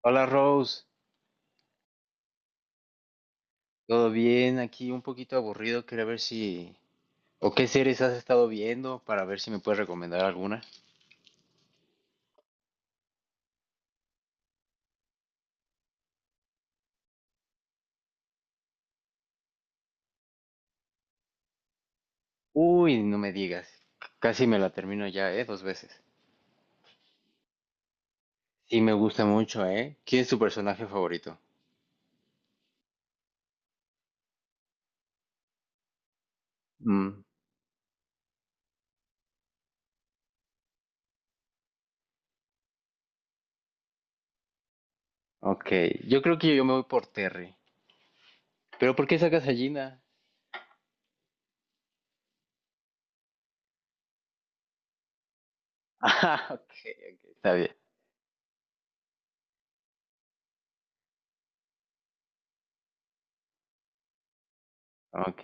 Hola Rose, ¿todo bien? Aquí un poquito aburrido, quería ver si... ¿O qué series has estado viendo para ver si me puedes recomendar alguna? Uy, no me digas. Casi me la termino ya, ¿eh? Dos veces. Sí, me gusta mucho, ¿eh? ¿Quién es tu personaje favorito? Mm, ok, yo creo que yo me voy por Terry. ¿Pero por qué sacas a Gina? Ah, ok, ok, está bien. Ok.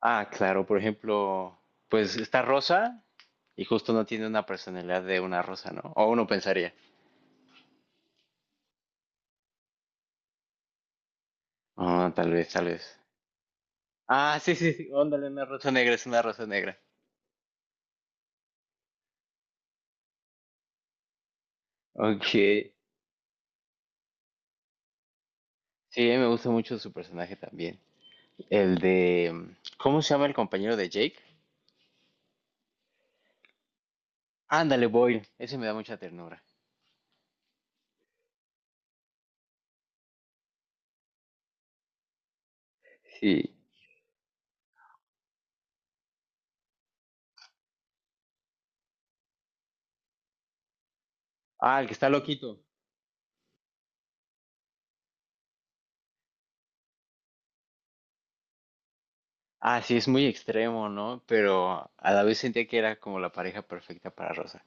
Ah, claro, por ejemplo, pues está Rosa y justo no tiene una personalidad de una rosa, ¿no? O uno pensaría. Ah, tal vez, tal vez. Ah, sí, sí, sí. Ándale, una rosa negra, es una rosa negra. Ok. Sí, a mí me gusta mucho su personaje también. El de... ¿Cómo se llama el compañero de Jake? Ándale, Boyle. Ese me da mucha ternura. Sí. Ah, el que está loquito. Ah, sí, es muy extremo, ¿no? Pero a la vez sentía que era como la pareja perfecta para Rosa.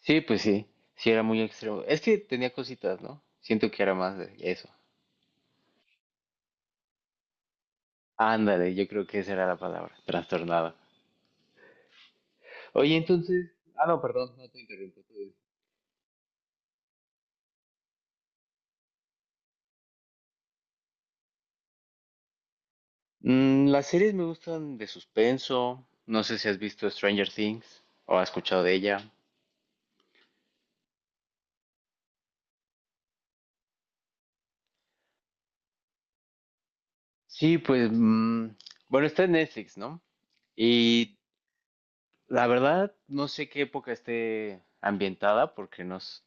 Sí, pues sí. Sí, era muy extremo. Es que tenía cositas, ¿no? Siento que era más de eso. Ándale, yo creo que esa era la palabra. Trastornada. Oye, entonces, ah, no, perdón, no te interrumpo. Tú dices. Mm, las series me gustan de suspenso. No sé si has visto Stranger Things o has escuchado de ella. Sí, pues, bueno, está en Netflix, ¿no? Y la verdad, no sé qué época esté ambientada porque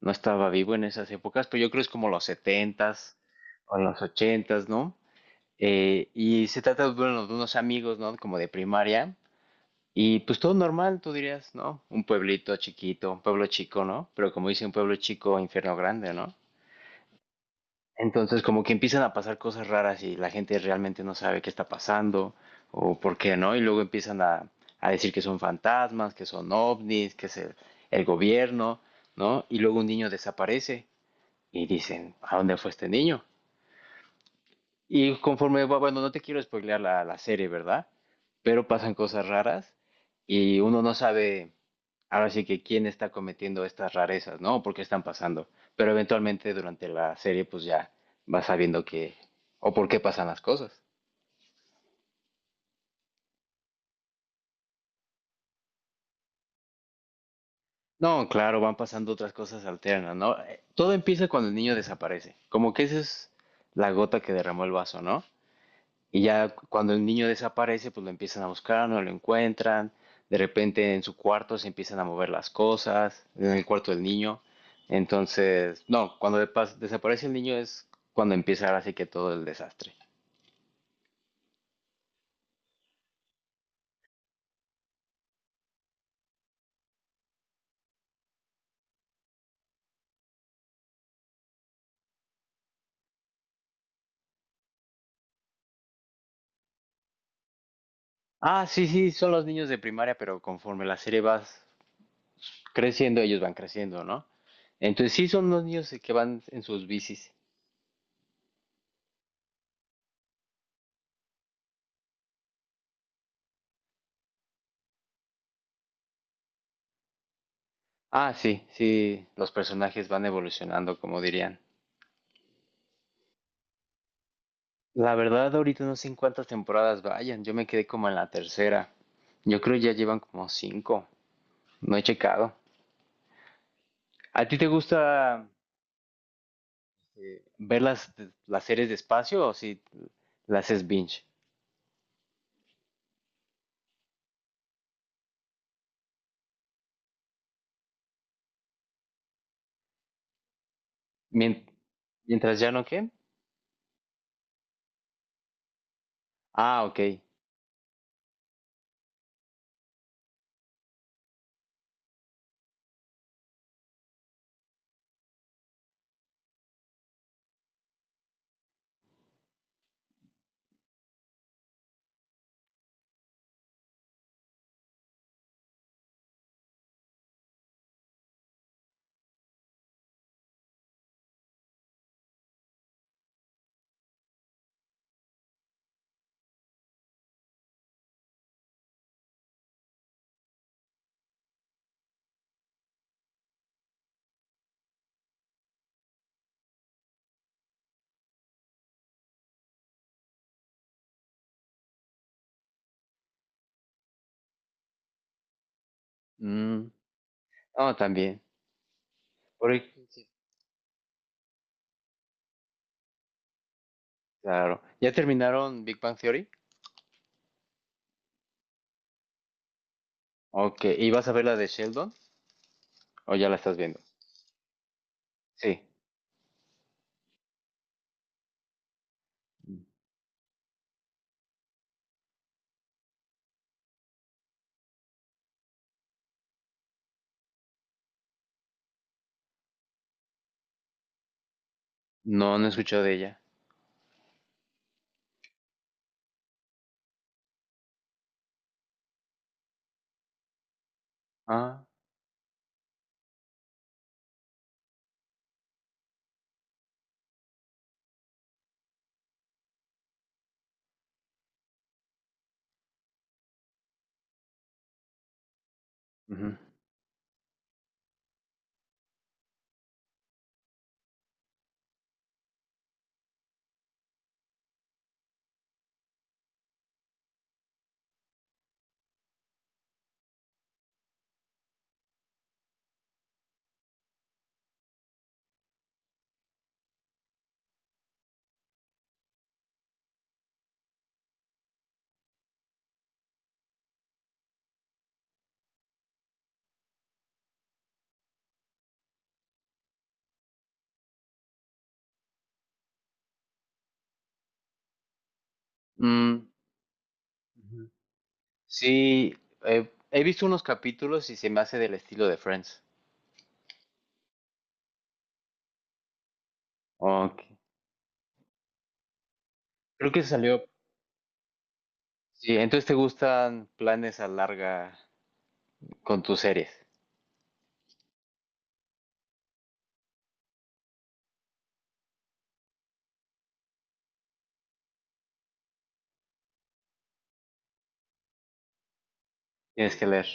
no estaba vivo en esas épocas, pero yo creo que es como los setentas o los ochentas, ¿no? Y se trata, bueno, de unos amigos, ¿no? Como de primaria. Y pues todo normal, tú dirías, ¿no? Un pueblito chiquito, un pueblo chico, ¿no? Pero como dice un pueblo chico, infierno grande, ¿no? Entonces como que empiezan a pasar cosas raras y la gente realmente no sabe qué está pasando o por qué, ¿no? Y luego empiezan a decir que son fantasmas, que son ovnis, que es el gobierno, ¿no? Y luego un niño desaparece y dicen, ¿a dónde fue este niño? Y conforme va, bueno, no te quiero spoilear la serie, ¿verdad? Pero pasan cosas raras y uno no sabe ahora sí que quién está cometiendo estas rarezas, ¿no? ¿Por qué están pasando? Pero eventualmente durante la serie pues ya vas sabiendo qué o por qué pasan las cosas. No, claro, van pasando otras cosas alternas, ¿no? Todo empieza cuando el niño desaparece. Como que esa es la gota que derramó el vaso, ¿no? Y ya cuando el niño desaparece, pues lo empiezan a buscar, no lo encuentran. De repente en su cuarto se empiezan a mover las cosas, en el cuarto del niño. Entonces, no, cuando de desaparece el niño es cuando empieza ahora sí que todo el desastre. Ah, sí, sí, son los niños de primaria, pero conforme la serie va creciendo, ellos van creciendo, ¿no? Entonces sí son los niños que van en sus bicis. Ah, sí, sí, los personajes van evolucionando, como dirían. La verdad, ahorita no sé en cuántas temporadas vayan. Yo me quedé como en la tercera. Yo creo ya llevan como cinco. No he checado. ¿A ti te gusta ver las series despacio o si las es binge? Mien- mientras ya no qué? Ah, ok. Mm, no, también. Por ahí- sí, claro. ¿Ya terminaron Big Bang Theory? Ok. ¿Y vas a ver la de Sheldon? ¿O ya la estás viendo? Sí. No, no he escuchado de ella. Ah. Ujú. Mm, sí, he visto unos capítulos y se me hace del estilo de Friends. Ok. Creo que salió. Sí, entonces te gustan planes a larga con tus series. Tienes que leer,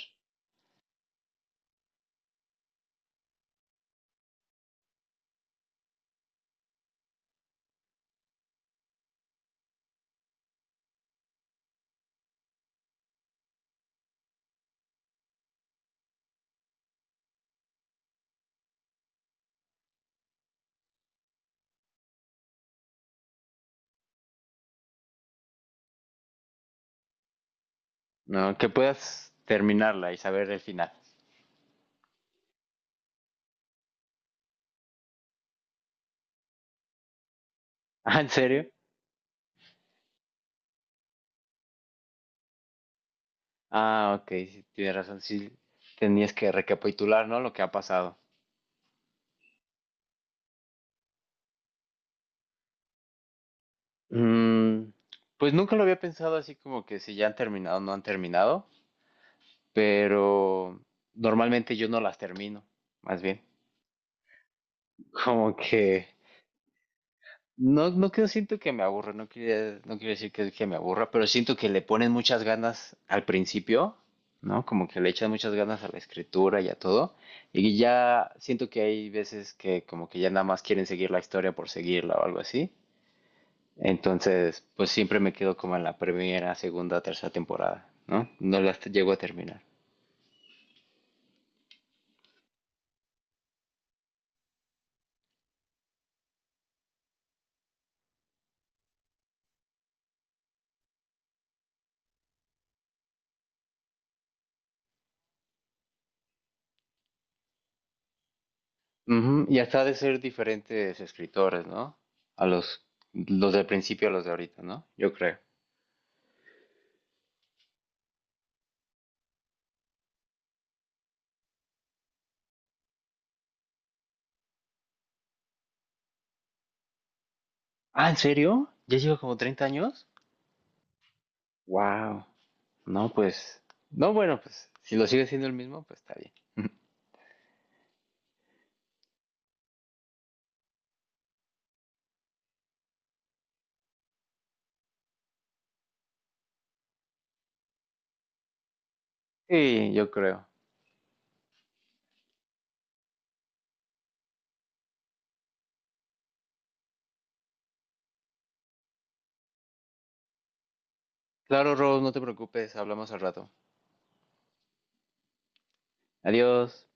¿no? Que puedas terminarla y saber el final. Ah, ¿en serio? Ah, ok, sí, tienes razón. Sí, tenías que recapitular, ¿no? Lo que ha pasado. Mm, pues nunca lo había pensado así como que si ya han terminado o no han terminado, pero normalmente yo no las termino, más bien. Como que no, no que no siento que me aburre, no quiero decir que, me aburra, pero siento que le ponen muchas ganas al principio, ¿no? Como que le echan muchas ganas a la escritura y a todo. Y ya siento que hay veces que como que ya nada más quieren seguir la historia por seguirla o algo así. Entonces, pues siempre me quedo como en la primera, segunda, tercera temporada, ¿no? No las llego a terminar. Ujú, y hasta ha de ser diferentes escritores, ¿no? A los del principio a los de ahorita, ¿no? Yo creo. Ah, ¿en serio? ¿Ya lleva como 30 años? Wow. No, pues. No, bueno, pues si lo sigue siendo el mismo, pues está bien. Sí, yo creo. Claro, Rose, no te preocupes, hablamos al rato. Adiós.